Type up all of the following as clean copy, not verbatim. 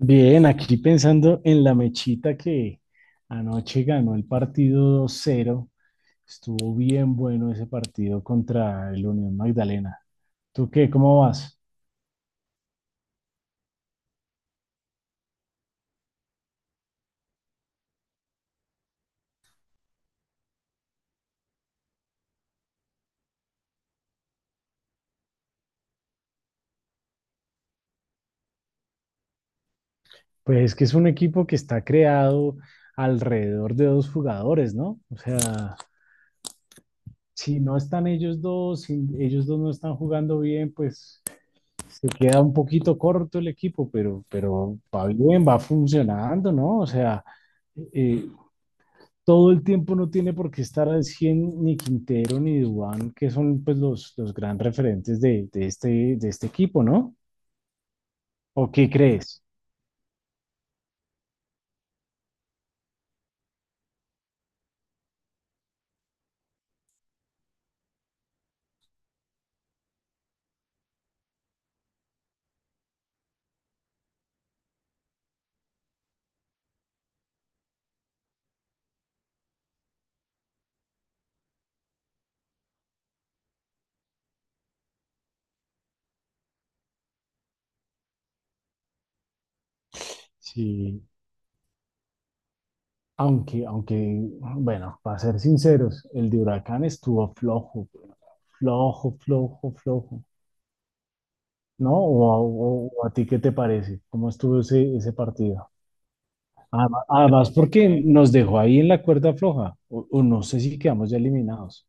Bien, aquí pensando en la mechita que anoche ganó el partido dos cero. Estuvo bien bueno ese partido contra el Unión Magdalena. ¿Tú qué? ¿Cómo vas? Pues es que es un equipo que está creado alrededor de dos jugadores, ¿no? O sea, si no están ellos dos, si ellos dos no están jugando bien, pues se queda un poquito corto el equipo, pero va bien, va funcionando, ¿no? O sea, eh, todo el tiempo no tiene por qué estar al 100 ni Quintero ni Dubán, que son pues los gran referentes de este equipo, ¿no? ¿O qué crees? Sí, aunque, bueno, para ser sinceros, el de Huracán estuvo flojo, flojo, flojo, flojo, ¿no? ¿O, o a ti qué te parece? ¿Cómo estuvo ese partido? Además, además porque nos dejó ahí en la cuerda floja, o no sé si quedamos ya eliminados.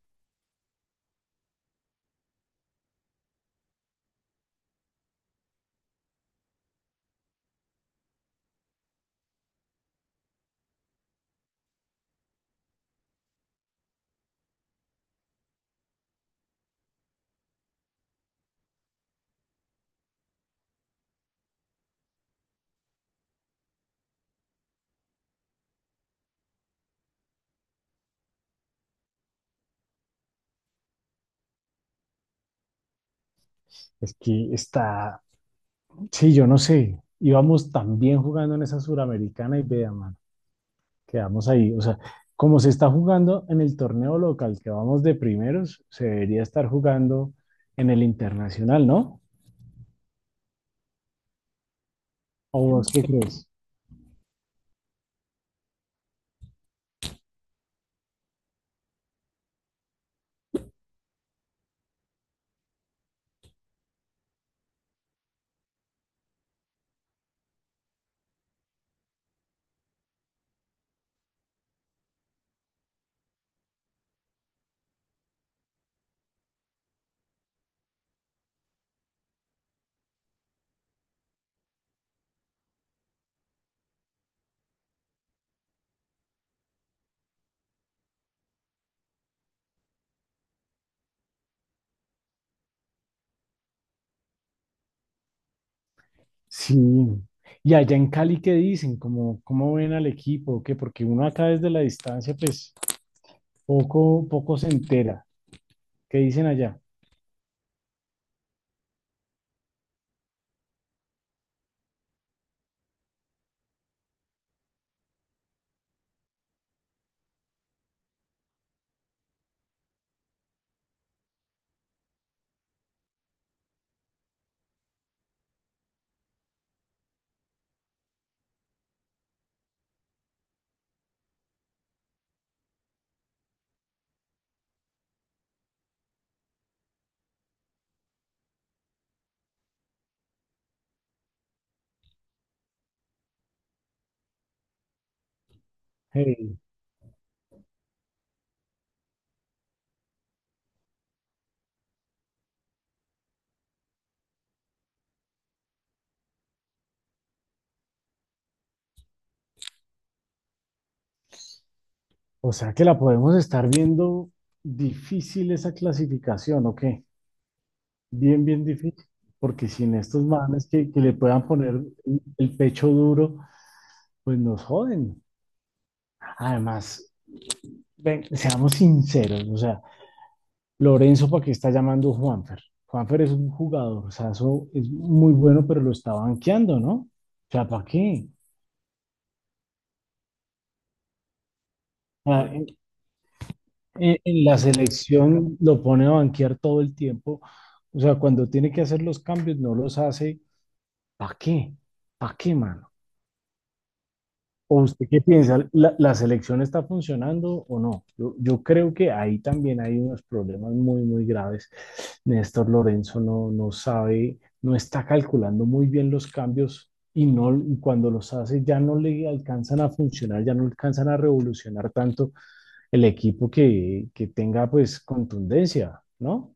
Es que está, Sí, yo no sé. Íbamos también jugando en esa suramericana y vea, mano, quedamos ahí. O sea, como se está jugando en el torneo local, que vamos de primeros, se debería estar jugando en el internacional, ¿no? ¿O vos qué crees? Sí. Y allá en Cali, ¿qué dicen? ¿Cómo ven al equipo? ¿Qué? Porque uno acá desde la distancia, pues poco se entera. ¿Qué dicen allá? Hey, o sea que la podemos estar viendo difícil esa clasificación, ¿o qué? Bien, bien difícil, porque sin estos manes que le puedan poner el pecho duro, pues nos joden. Además, ven, seamos sinceros, o sea, Lorenzo, ¿para qué está llamando a Juanfer? Juanfer es un jugador, o sea, eso es muy bueno, pero lo está banqueando, ¿no? O sea, ¿para qué? O en, en la selección lo pone a banquear todo el tiempo, o sea, cuando tiene que hacer los cambios, no los hace, ¿para qué? ¿Para qué, man? ¿O usted qué piensa? ¿La selección está funcionando o no? Yo creo que ahí también hay unos problemas muy graves. Néstor Lorenzo no sabe, no está calculando muy bien los cambios y, no, y cuando los hace ya no le alcanzan a funcionar, ya no alcanzan a revolucionar tanto el equipo que tenga pues contundencia, ¿no?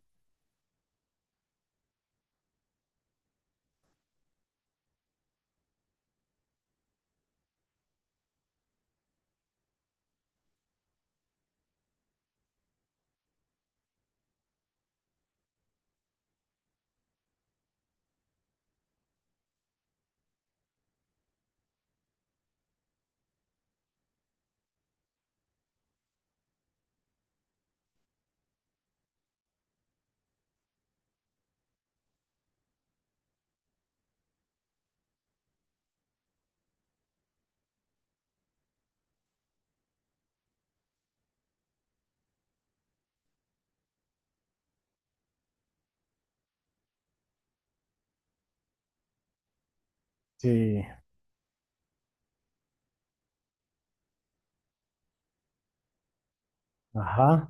Sí, ajá,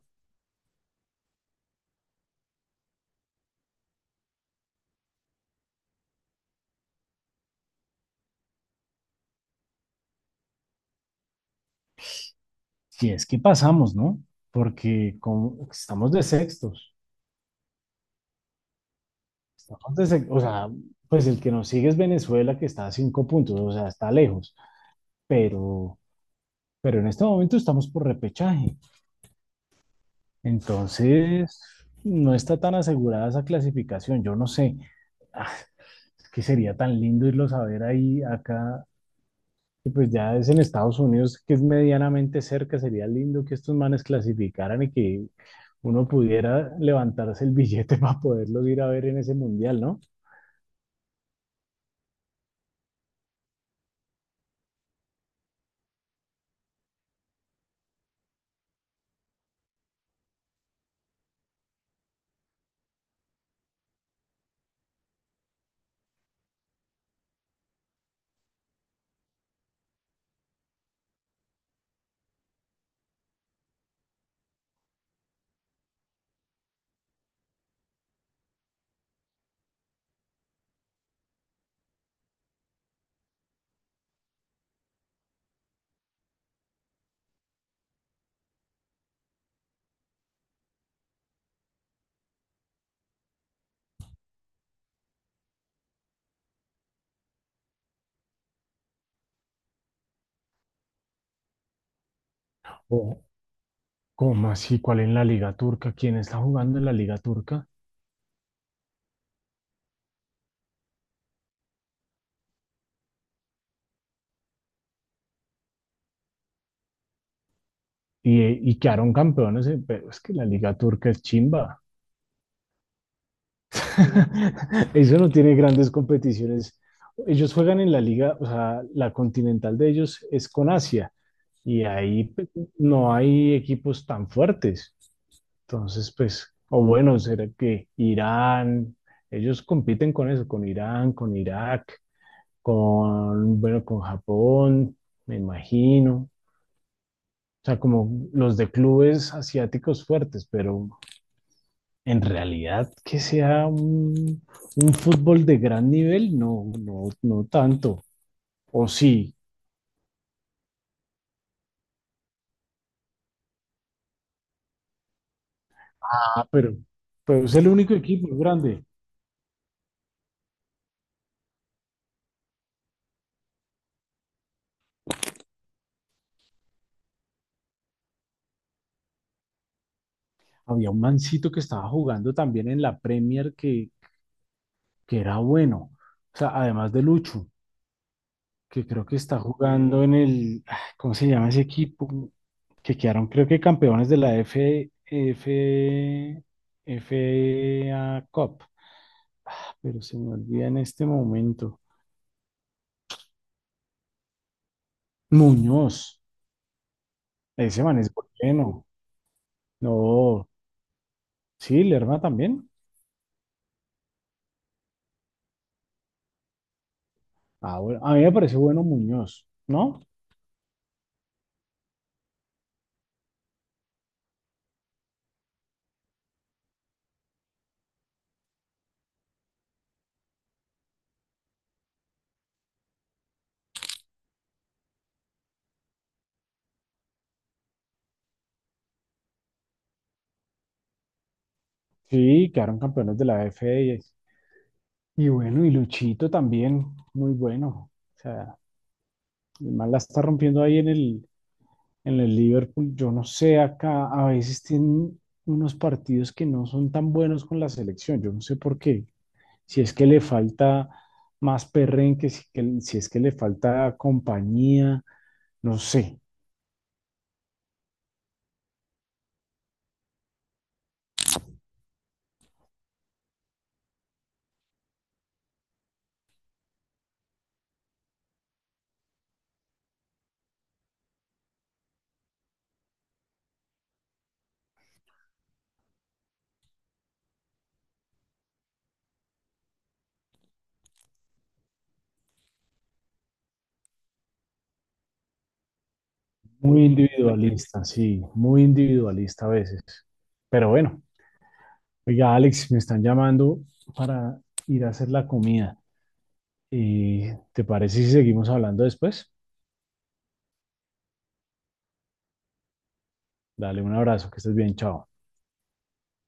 si es que pasamos, ¿no? Porque como, estamos de sextos. Entonces, o sea, pues el que nos sigue es Venezuela, que está a cinco puntos, o sea, está lejos, pero, pero en este momento estamos por repechaje. Entonces, no está tan asegurada esa clasificación, yo no sé. Ah, es que sería tan lindo irlos a ver ahí, acá, que pues ya es en Estados Unidos, que es medianamente cerca, sería lindo que estos manes clasificaran y que uno pudiera levantarse el billete para poderlos ir a ver en ese mundial, ¿no? O, ¿cómo así? ¿Cuál en la Liga Turca? ¿Quién está jugando en la Liga Turca? Y quedaron campeones, pero es que la Liga Turca es chimba. Eso no tiene grandes competiciones. Ellos juegan en la liga, o sea, la continental de ellos es con Asia y ahí pues, no hay equipos tan fuertes. Entonces, pues, o bueno, será que Irán, ellos compiten con eso, con Irán, con Irak, con, bueno, con Japón, me imagino. O sea, como los de clubes asiáticos fuertes, pero en realidad que sea un fútbol de gran nivel, no, no tanto. O sí, ah, pero es el único equipo grande. Había un mancito que estaba jugando también en la Premier que era bueno. O sea, además de Lucho, que creo que está jugando en el, ah, ¿cómo se llama ese equipo? Que quedaron, creo que campeones de la F A Cup, pero se me olvida en este momento. Muñoz, ese man es bueno. No, sí, Lerma también. Ah, bueno, a mí me parece bueno Muñoz, ¿no? Sí, quedaron campeones de la AF y bueno, y Luchito también, muy bueno. O sea, el man la está rompiendo ahí en el Liverpool. Yo no sé, acá a veces tienen unos partidos que no son tan buenos con la selección. Yo no sé por qué. Si es que le falta más perrenque, si, si es que le falta compañía, no sé, muy individualista, sí, muy individualista a veces. Pero bueno, oiga, Alex, me están llamando para ir a hacer la comida. ¿Te parece si seguimos hablando después? Dale un abrazo, que estés bien, chao.